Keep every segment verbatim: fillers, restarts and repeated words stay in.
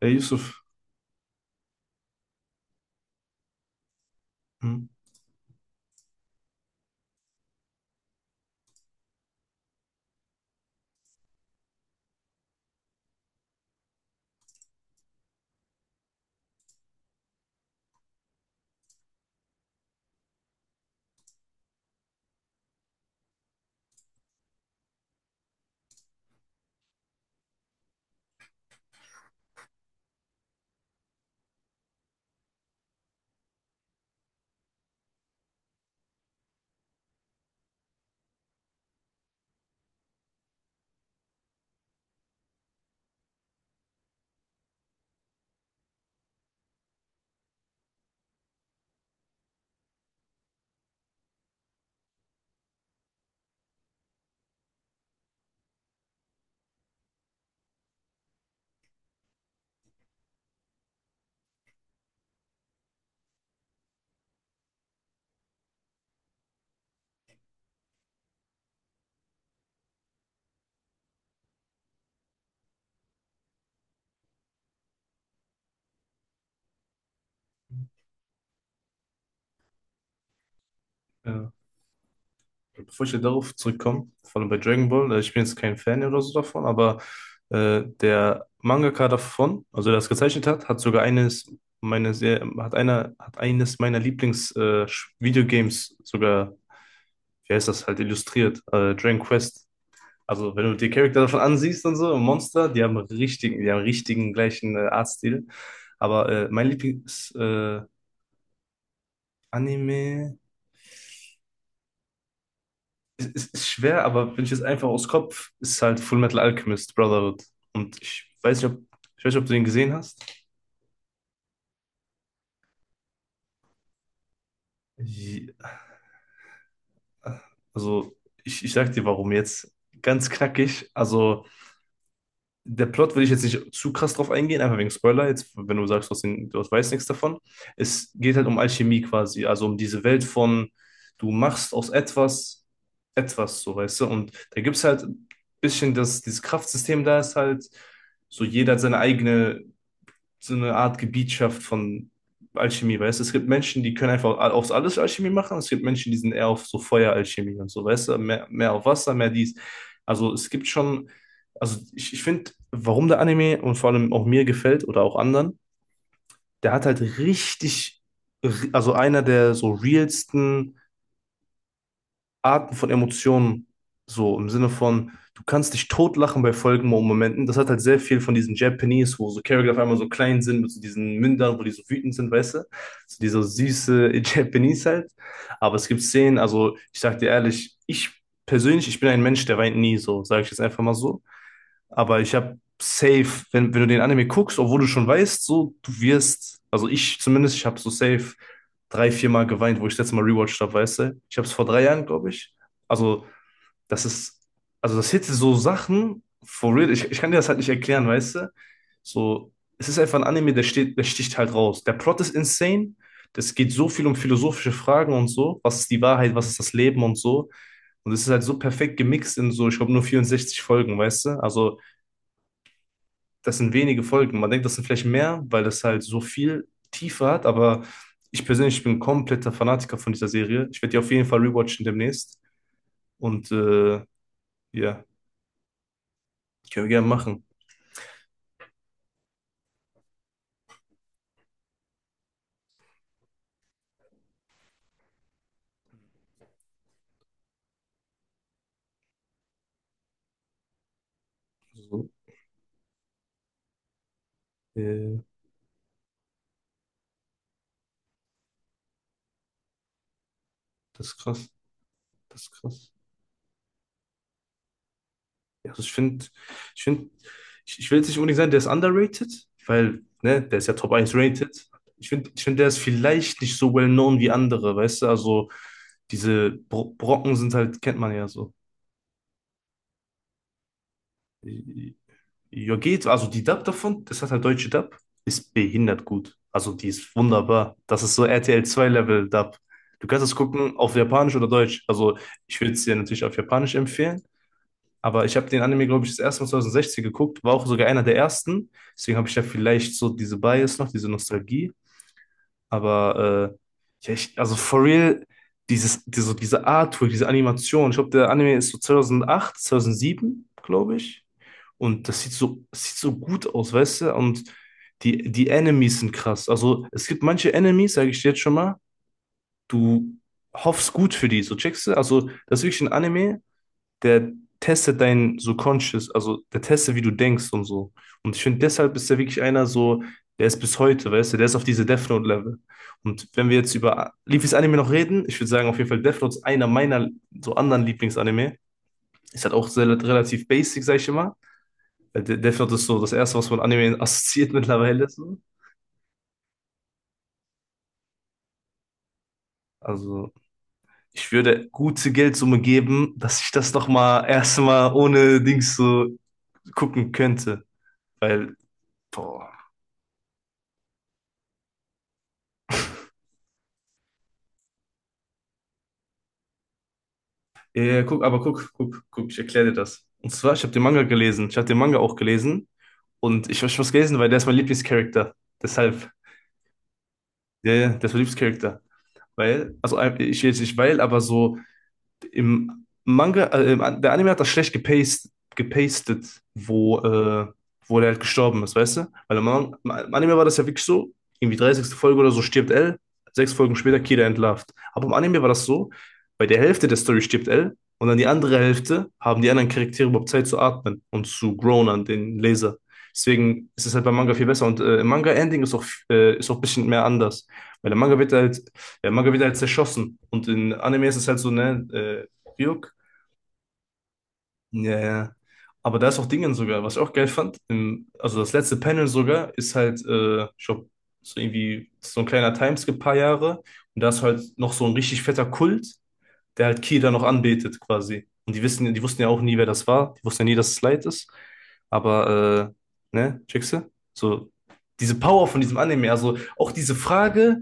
Ey, Yusuf, hm, ja. Bevor ich hier darauf zurückkomme, vor allem bei Dragon Ball, äh, ich bin jetzt kein Fan oder so davon, aber äh, der Mangaka davon, also der es gezeichnet hat, hat sogar eines meiner sehr, hat einer, hat eines meiner Lieblings äh, Sch- Videogames sogar, wie heißt das halt, illustriert, äh, Dragon Quest. Also wenn du die Charakter davon ansiehst und so, Monster, die haben richtigen, die haben richtigen gleichen äh, Artstil. Aber äh, mein Lieblings äh, Anime. es es ist schwer, aber wenn ich jetzt einfach aus Kopf, ist halt Full Metal Alchemist Brotherhood. Und ich weiß nicht, ob, ich weiß nicht, ob du den gesehen hast. Ja, also, ich, ich sag dir, warum jetzt. Ganz knackig. Also, der Plot will ich jetzt nicht zu krass drauf eingehen, einfach wegen Spoiler. Jetzt, wenn du sagst, du, hast den, du weißt nichts davon. Es geht halt um Alchemie quasi. Also, um diese Welt von, du machst aus etwas etwas, so, weißt du. Und da gibt es halt ein bisschen dass dieses Kraftsystem, da ist halt so, jeder hat seine eigene so eine Art Gebietschaft von Alchemie, weißt du? Es gibt Menschen, die können einfach all- aufs alles Alchemie machen, und es gibt Menschen, die sind eher auf so Feueralchemie und so, weißt du? Mehr, mehr auf Wasser, mehr dies. Also es gibt schon, also ich, ich finde, warum der Anime und vor allem auch mir gefällt oder auch anderen, der hat halt richtig, also einer der so realsten Arten von Emotionen, so im Sinne von, du kannst dich totlachen bei folgenden Momenten. Das hat halt sehr viel von diesen Japanese, wo so Charakter auf einmal so klein sind, mit so diesen Mündern, wo die so wütend sind, weißt du? So dieser süße Japanese halt. Aber es gibt Szenen, also ich sag dir ehrlich, ich persönlich, ich bin ein Mensch, der weint nie, so sage ich jetzt einfach mal so. Aber ich habe safe, wenn, wenn du den Anime guckst, obwohl du schon weißt, so, du wirst, also ich zumindest, ich habe so safe drei, vier Mal geweint, wo ich das letzte Mal rewatcht habe, weißt du? Ich habe es vor drei Jahren, glaube ich. Also, das ist, also das hätte so Sachen, for real, ich, ich kann dir das halt nicht erklären, weißt du? So, es ist einfach ein Anime, der steht, der sticht halt raus. Der Plot ist insane. Es geht so viel um philosophische Fragen und so. Was ist die Wahrheit? Was ist das Leben und so? Und es ist halt so perfekt gemixt in so, ich glaube, nur vierundsechzig Folgen, weißt du? Also, das sind wenige Folgen. Man denkt, das sind vielleicht mehr, weil das halt so viel Tiefe hat, aber ich persönlich bin kompletter Fanatiker von dieser Serie. Ich werde die auf jeden Fall rewatchen demnächst und äh, ja, können wir gerne machen. So, äh, das ist krass, das ist krass. Ja, also ich finde, ich finde, ich, ich will jetzt nicht unbedingt sagen, der ist underrated, weil, ne, der ist ja Top eins rated. Ich finde, ich finde der ist vielleicht nicht so well known wie andere, weißt du? Also diese Bro Brocken sind halt, kennt man ja so. Ja, geht. Also die Dub davon, das hat halt deutsche Dub, ist behindert gut. Also die ist wunderbar. Das ist so R T L zwei Level Dub. Du kannst es gucken auf Japanisch oder Deutsch. Also ich würde es dir natürlich auf Japanisch empfehlen. Aber ich habe den Anime, glaube ich, das erste Mal zwanzig sechzehn geguckt, war auch sogar einer der ersten. Deswegen habe ich ja vielleicht so diese Bias noch, diese Nostalgie. Aber äh, ja, ich, also for real, dieses, diese, diese Artwork, diese Animation, ich glaube, der Anime ist so zweitausend acht, zweitausend sieben, glaube ich. Und das sieht so, das sieht so gut aus, weißt du? Und die, die Enemies sind krass. Also es gibt manche Enemies, sage ich dir jetzt schon mal, du hoffst gut für die, so checkst du? Also das ist wirklich ein Anime, der testet dein Subconscious, also der testet, wie du denkst und so. Und ich finde, deshalb ist er wirklich einer so, der ist bis heute, weißt du, der ist auf diese Death Note-Level. Und wenn wir jetzt über Leafys Anime noch reden, ich würde sagen, auf jeden Fall Death Note ist einer meiner so anderen Lieblingsanime. Ist halt auch sehr, relativ basic, sag ich immer. Weil De- Death Note ist so das erste, was man Anime assoziiert mittlerweile. So. Also, ich würde gute Geldsumme geben, dass ich das nochmal erstmal ohne Dings so gucken könnte. Weil, boah, ja, ja, guck, aber guck, guck, guck, ich erkläre dir das. Und zwar, ich habe den Manga gelesen. Ich habe den Manga auch gelesen. Und ich habe was gelesen, weil der ist mein Lieblingscharakter. Deshalb, ja, ja, der ist mein Lieblingscharakter. Weil, also äh, ich jetzt nicht weil, aber so, im Manga, äh, der Anime hat das schlecht gepaced, gepastet, wo, äh, wo der halt gestorben ist, weißt du? Weil im, Man Im Anime war das ja wirklich so, irgendwie dreißigste. Folge oder so stirbt L, sechs Folgen später Kira entlarvt. Aber im Anime war das so, bei der Hälfte der Story stirbt L und dann die andere Hälfte haben die anderen Charaktere überhaupt Zeit zu atmen und zu grown an den Leser. Deswegen ist es halt beim Manga viel besser und äh, im Manga-Ending ist auch, äh, ist auch ein bisschen mehr anders. Weil der Manga wird halt äh, Manga wird halt zerschossen. Und in Anime ist es halt so, ne, äh, Ryuk. Ja, ja. Aber da ist auch Dingen sogar, was ich auch geil fand. Im, also das letzte Panel sogar ist halt, äh, ich glaub, so irgendwie so ein kleiner Timeskip, paar Jahre. Und da ist halt noch so ein richtig fetter Kult, der halt Kira noch anbetet quasi. Und die wissen, die wussten ja auch nie, wer das war. Die wussten ja nie, dass es Light ist. Aber, äh, ne, checkst du? So, diese Power von diesem Anime, also auch diese Frage,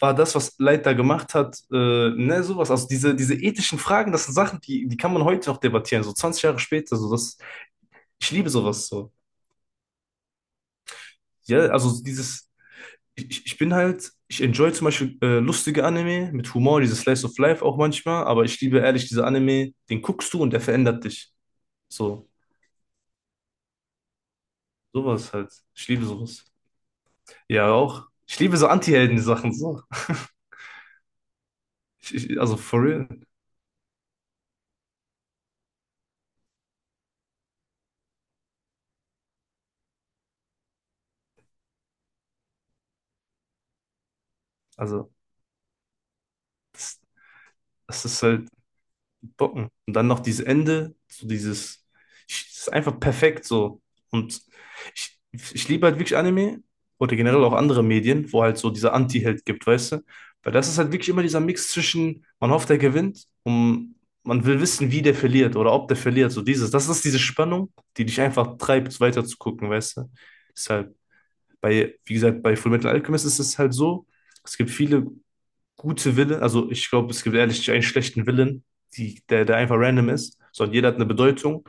war das, was Leiter gemacht hat, äh, ne, sowas. Also diese, diese ethischen Fragen, das sind Sachen, die, die kann man heute noch debattieren, so zwanzig Jahre später. So das, ich liebe sowas so. Ja, also dieses, ich, ich bin halt, ich enjoy zum Beispiel äh, lustige Anime mit Humor, dieses Slice of Life auch manchmal, aber ich liebe ehrlich diese Anime, den guckst du und der verändert dich. So, sowas halt. Ich liebe sowas. Ja, auch. Ich liebe so Anti-Helden-Sachen so. Ich, ich, also for real. Also, das, das ist halt. Bocken. Und dann noch dieses Ende, so dieses, ich, das ist einfach perfekt so. Und ich, ich liebe halt wirklich Anime oder generell auch andere Medien, wo halt so dieser Anti-Held gibt, weißt du? Weil das ist halt wirklich immer dieser Mix zwischen, man hofft, er gewinnt und man will wissen, wie der verliert oder ob der verliert. So dieses, das ist diese Spannung, die dich einfach treibt, weiter zu gucken, weißt du? Deshalb, bei, wie gesagt, bei Fullmetal Alchemist ist es halt so, es gibt viele gute Willen, also ich glaube, es gibt ehrlich einen schlechten Willen, die, der, der einfach random ist, sondern jeder hat eine Bedeutung,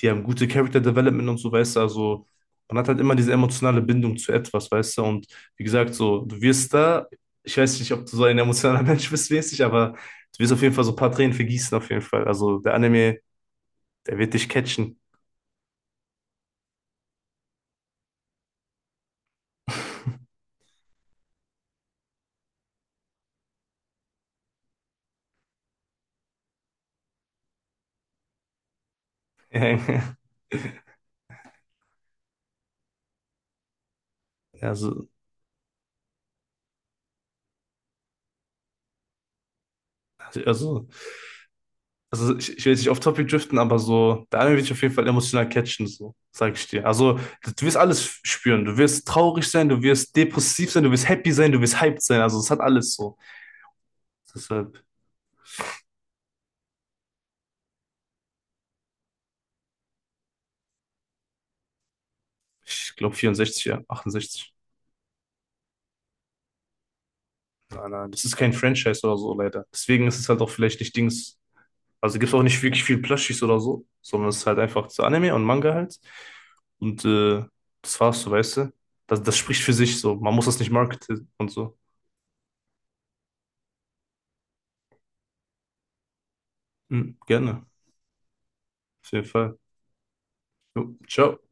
die haben gute Character Development und so, weißt du, also man hat halt immer diese emotionale Bindung zu etwas, weißt du, und wie gesagt, so, du wirst da, ich weiß nicht, ob du so ein emotionaler Mensch bist, mäßig, aber du wirst auf jeden Fall so ein paar Tränen vergießen, auf jeden Fall, also der Anime, der wird dich catchen. Ja, so, also, also also ich, ich will jetzt nicht auf Topic driften, aber so, der Anime wird dich auf jeden Fall emotional catchen, so, sag ich dir. Also, du wirst alles spüren. Du wirst traurig sein, du wirst depressiv sein, du wirst happy sein, du wirst hyped sein. Also, es hat alles so. Deshalb, ich glaube vierundsechzig, ja, achtundsechzig. Nein, nein, das ist kein Franchise oder so, leider. Deswegen ist es halt auch vielleicht nicht Dings. Also gibt es auch nicht wirklich viel Plushies oder so, sondern es ist halt einfach zu Anime und Manga halt. Und äh, das war's, so weißt du. Das, das spricht für sich so. Man muss das nicht marketen und so. Hm, gerne, auf jeden Fall. Jo, ciao.